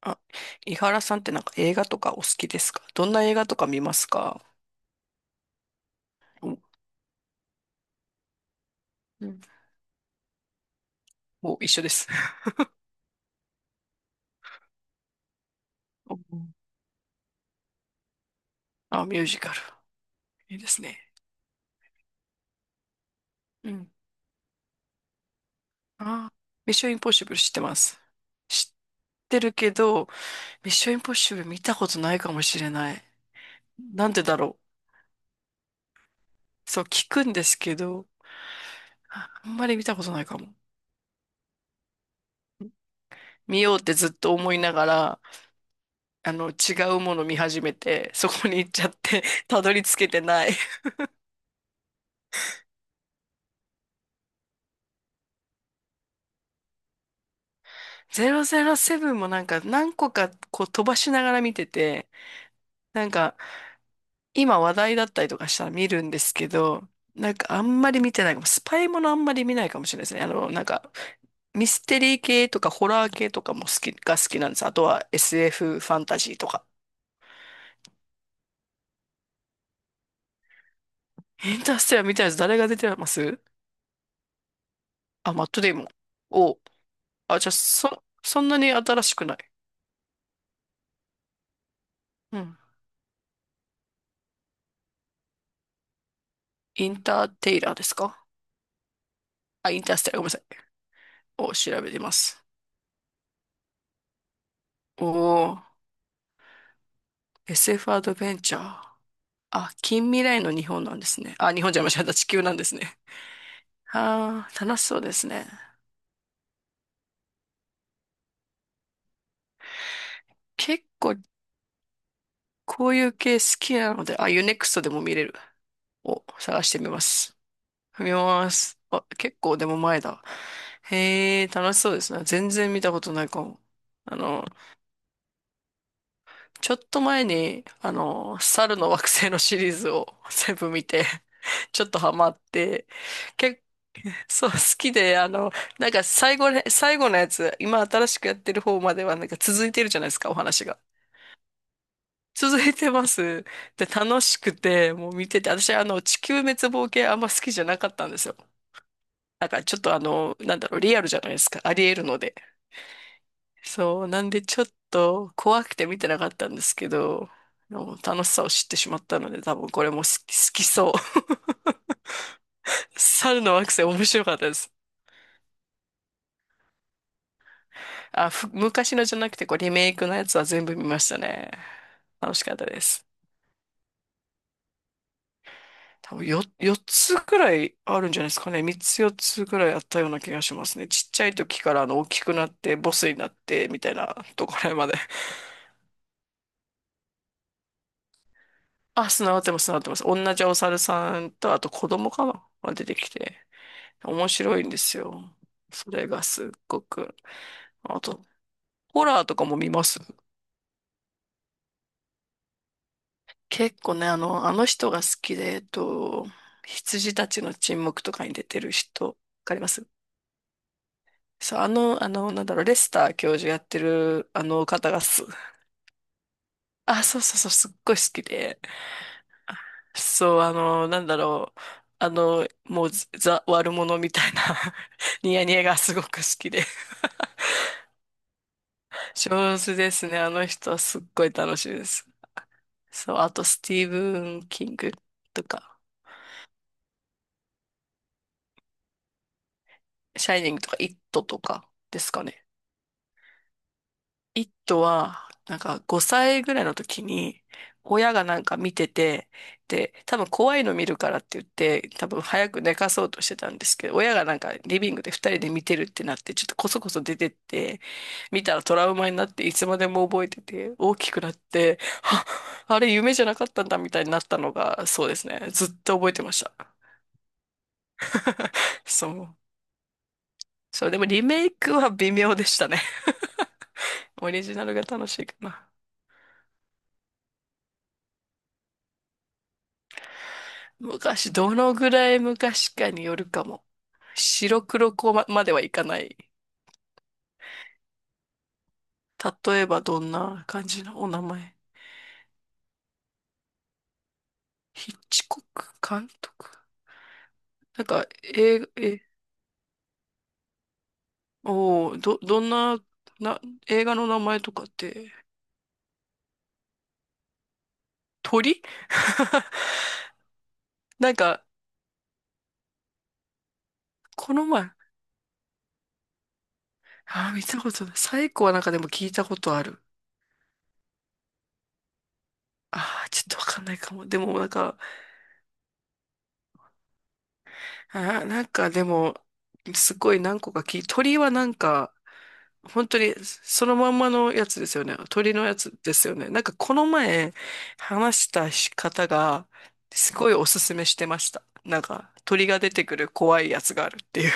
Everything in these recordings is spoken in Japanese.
あ、井原さんってなんか映画とかお好きですか？どんな映画とか見ますか？お、うん。もう一緒です。お、あ、ミュージカル。いいですね。うん。あ、ミッションインポッシブル知ってます。知ってるけど、ミッションインポッシブル見たことないかもしれない。なんでだろう。そう聞くんですけど、ああんまり見たことないかも。見ようってずっと思いながら、あの、違うもの見始めて、そこに行っちゃって、たどり着けてない。007もなんか何個かこう飛ばしながら見てて、なんか今話題だったりとかしたら見るんですけど、なんかあんまり見てないかも。スパイものあんまり見ないかもしれないですね。あの、なんかミステリー系とかホラー系とかも好き、が好きなんです。あとは SF フファンタジーとか。インターステラー見たやつ誰が出てます？あ、マットデイモン。おう、あ、じゃあそ、そんなに新しくない。うん。インターテイラーですか？あ、インターステラー、ごめんなさい。を調べてます。お、お。SF アドベンチャー。あ、近未来の日本なんですね。あ、日本じゃ間違えた。地球なんですね。ああ、楽しそうですね。結構、こういう系好きなので、あ、UNEXT でも見れる。を探してみます。見ます。あ、結構でも前だ。へえ、楽しそうですね。全然見たことないかも。あの、ちょっと前に、あの、猿の惑星のシリーズを全部見て、ちょっとハマって、結、そう、好きで、なんか最後ね、最後のやつ、今新しくやってる方まではなんか続いてるじゃないですか、お話が。続いてます。で、楽しくて、もう見てて、私、地球滅亡系あんま好きじゃなかったんですよ。なんかちょっとなんだろう、リアルじゃないですか。ありえるので。そう、なんでちょっと怖くて見てなかったんですけど、もう楽しさを知ってしまったので、多分これも好き、好きそう。猿の惑星面白かったです。あ、ふ、昔のじゃなくて、こう、リメイクのやつは全部見ましたね。楽しかったです。多分よ、4つくらいあるんじゃないですかね。3つ4つくらいあったような気がしますね。ちっちゃい時からあの大きくなってボスになってみたいなところまで。あ、繋がってます、繋がってます。同じお猿さんとあと子供かなが出てきて。面白いんですよ。それがすっごく。あと、ホラーとかも見ます？結構ね、あの人が好きで、羊たちの沈黙とかに出てる人、わかります？そう、なんだろう、レスター教授やってる、あの方がす、あ、そうそうそう、すっごい好きで、そう、あの、なんだろう、あの、もう、ザ、悪者みたいな ニヤニヤがすごく好きで、上手ですね、あの人はすっごい楽しいです。そう、あと、スティーブン・キングとか、シャイニングとか、イットとかですかね。イットは、なんか5歳ぐらいの時に、親がなんか見てて、で、多分怖いの見るからって言って、多分早く寝かそうとしてたんですけど、親がなんかリビングで2人で見てるってなって、ちょっとこそこそ出てって、見たらトラウマになって、いつまでも覚えてて、大きくなって、は、あれ夢じゃなかったんだみたいになったのが、そうですね。ずっと覚えてました。そう。そう、でもリメイクは微妙でしたね。オリジナルが楽しいかな。昔、どのぐらい昔かによるかも。白黒子ま、まではいかない。例えばどんな感じのお名前？ヒッチコック監督、なんか、映画、え、お、ーど、どんな、な、映画の名前とかって、鳥。 なんか、この前、あー、見たことない。サイコはなんかでも聞いたことある。ああ、ちょっとわかんないかも。でもなんか、あー、なんかでも、すごい何個か聞い、鳥はなんか、本当にそのまんまのやつですよね。鳥のやつですよね。なんかこの前話した方が、すごいおすすめしてました。なんか鳥が出てくる怖いやつがあるっていう。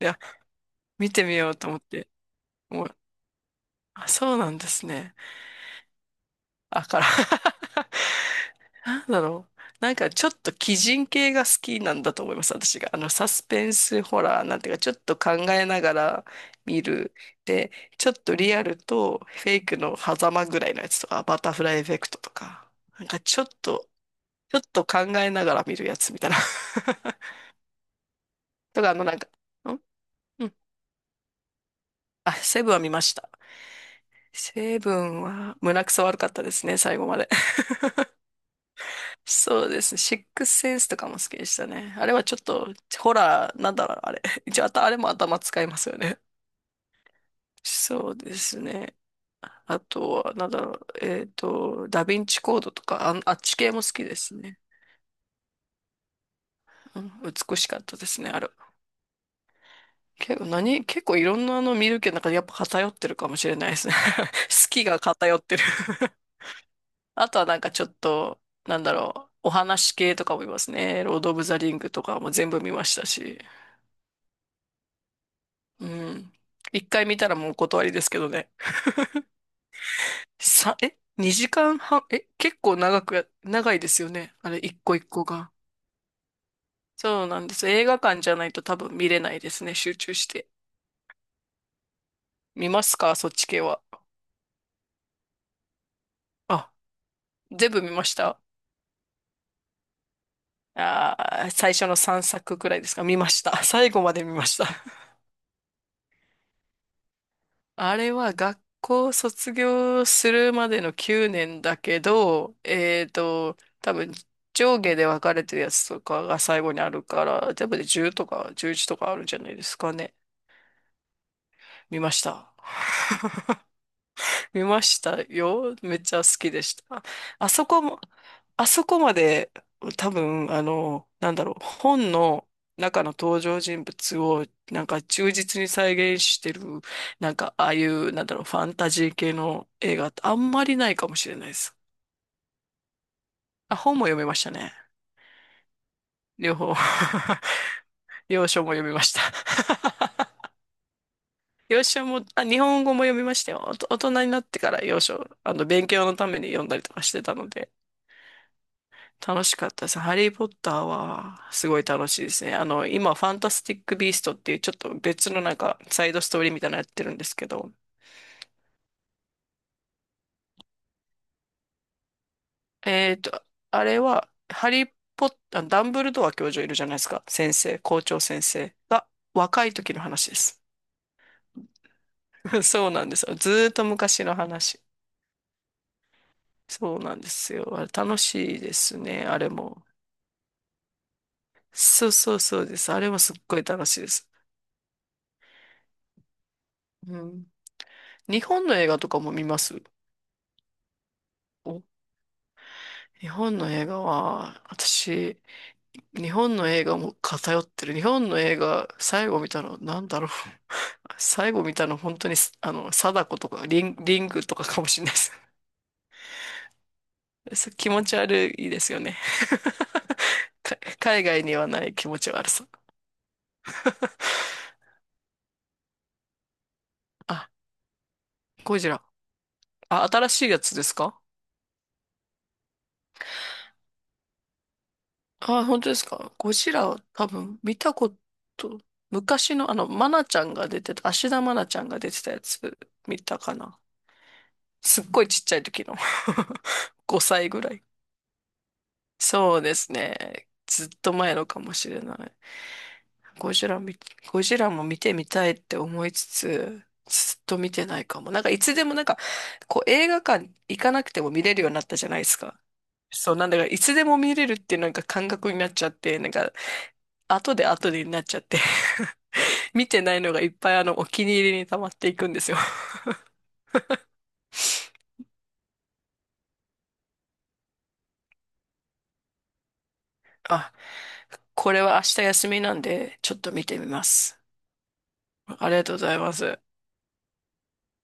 いや、見てみようと思って。もう、あ、そうなんですね。あから。なんだろう。なんかちょっと鬼人系が好きなんだと思います、私が。あの、サスペンスホラーなんていうか、ちょっと考えながら見る。で、ちょっとリアルとフェイクの狭間ぐらいのやつとか、バタフライエフェクトとか、なんかちょっと、ちょっと考えながら見るやつみたいな。とか、あの、なんか、ん、うん。あ、セブンは見ました。セブンは胸くそ悪かったですね、最後まで。そうですね。シックスセンスとかも好きでしたね。あれはちょっと、ホラー、なんだろう、あれ。一応、あた、あれも頭使いますよね。そうですね。あとは、なんだろう、ダヴィンチコードとか、あ、あっち系も好きですね。うん、美しかったですね、あれ。結構何、結構いろんなの見るけど、なんかやっぱ偏ってるかもしれないですね。好きが偏ってる。 あとはなんかちょっと、なんだろう、お話系とかも見ますね。ロード・オブ・ザ・リングとかも全部見ましたし。うん。一回見たらもうお断りですけどね。さ、え？ 2 時間半、え結構長くや、長いですよね。あれ、一個一個が。そうなんです。映画館じゃないと多分見れないですね。集中して。見ますか、そっち系は？あ、全部見ました？あー、最初の3作くくらいですか、見ました。最後まで見ました。あれは学校卒業するまでの9年だけど、多分上下で分かれてるやつとかが最後にあるから、多分で10とか11とかあるんじゃないですかね。見ました。見ましたよ。めっちゃ好きでした。あそこも、あそこまで多分、あの、なんだろう、本の中の登場人物をなんか忠実に再現してる、なんかああいう、なんだろう、ファンタジー系の映画ってあんまりないかもしれないです。あ、本も読めましたね。両方。洋書も読みました。洋書も、あ、日本語も読みましたよ。おと大人になってから洋書、あの、勉強のために読んだりとかしてたので。楽しかったです。ハリー・ポッターはすごい楽しいですね。あの、今、ファンタスティック・ビーストっていうちょっと別のなんかサイドストーリーみたいなのやってるんですけど、えっと、あれは、ハリー・ポッター、ダンブルドア教授いるじゃないですか。先生、校長先生が若い時の話です。そうなんですよ。ずーっと昔の話。そうなんですよ。あれ楽しいですね、あれも。そうそうそうです。あれもすっごい楽しいです。うん。日本の映画とかも見ます？お、日本の映画は、私、日本の映画も偏ってる。日本の映画、最後見たの、なんだろう。最後見たの、本当に、あの、貞子とか、リン、リングとかかもしれないです。そう気持ち悪いですよね。か海外にはない気持ち悪さ。あ、ゴジラ。あ、新しいやつですか？あ、本当ですか？ゴジラは多分見たこと、昔のあの、マナちゃんが出てた、芦田愛菜ちゃんが出てたやつ見たかな。すっごいちっちゃい時の。5歳ぐらい。そうですね。ずっと前のかもしれない。ゴジラ見、ゴジラも見てみたいって思いつつ、ずっと見てないかも。なんかいつでもなんか、こう映画館行かなくても見れるようになったじゃないですか。そう、なんだからいつでも見れるっていうなんか感覚になっちゃって、なんか後で後でになっちゃって 見てないのがいっぱいあのお気に入りに溜まっていくんですよ。あ、これは明日休みなんで、ちょっと見てみます。ありがとうございます。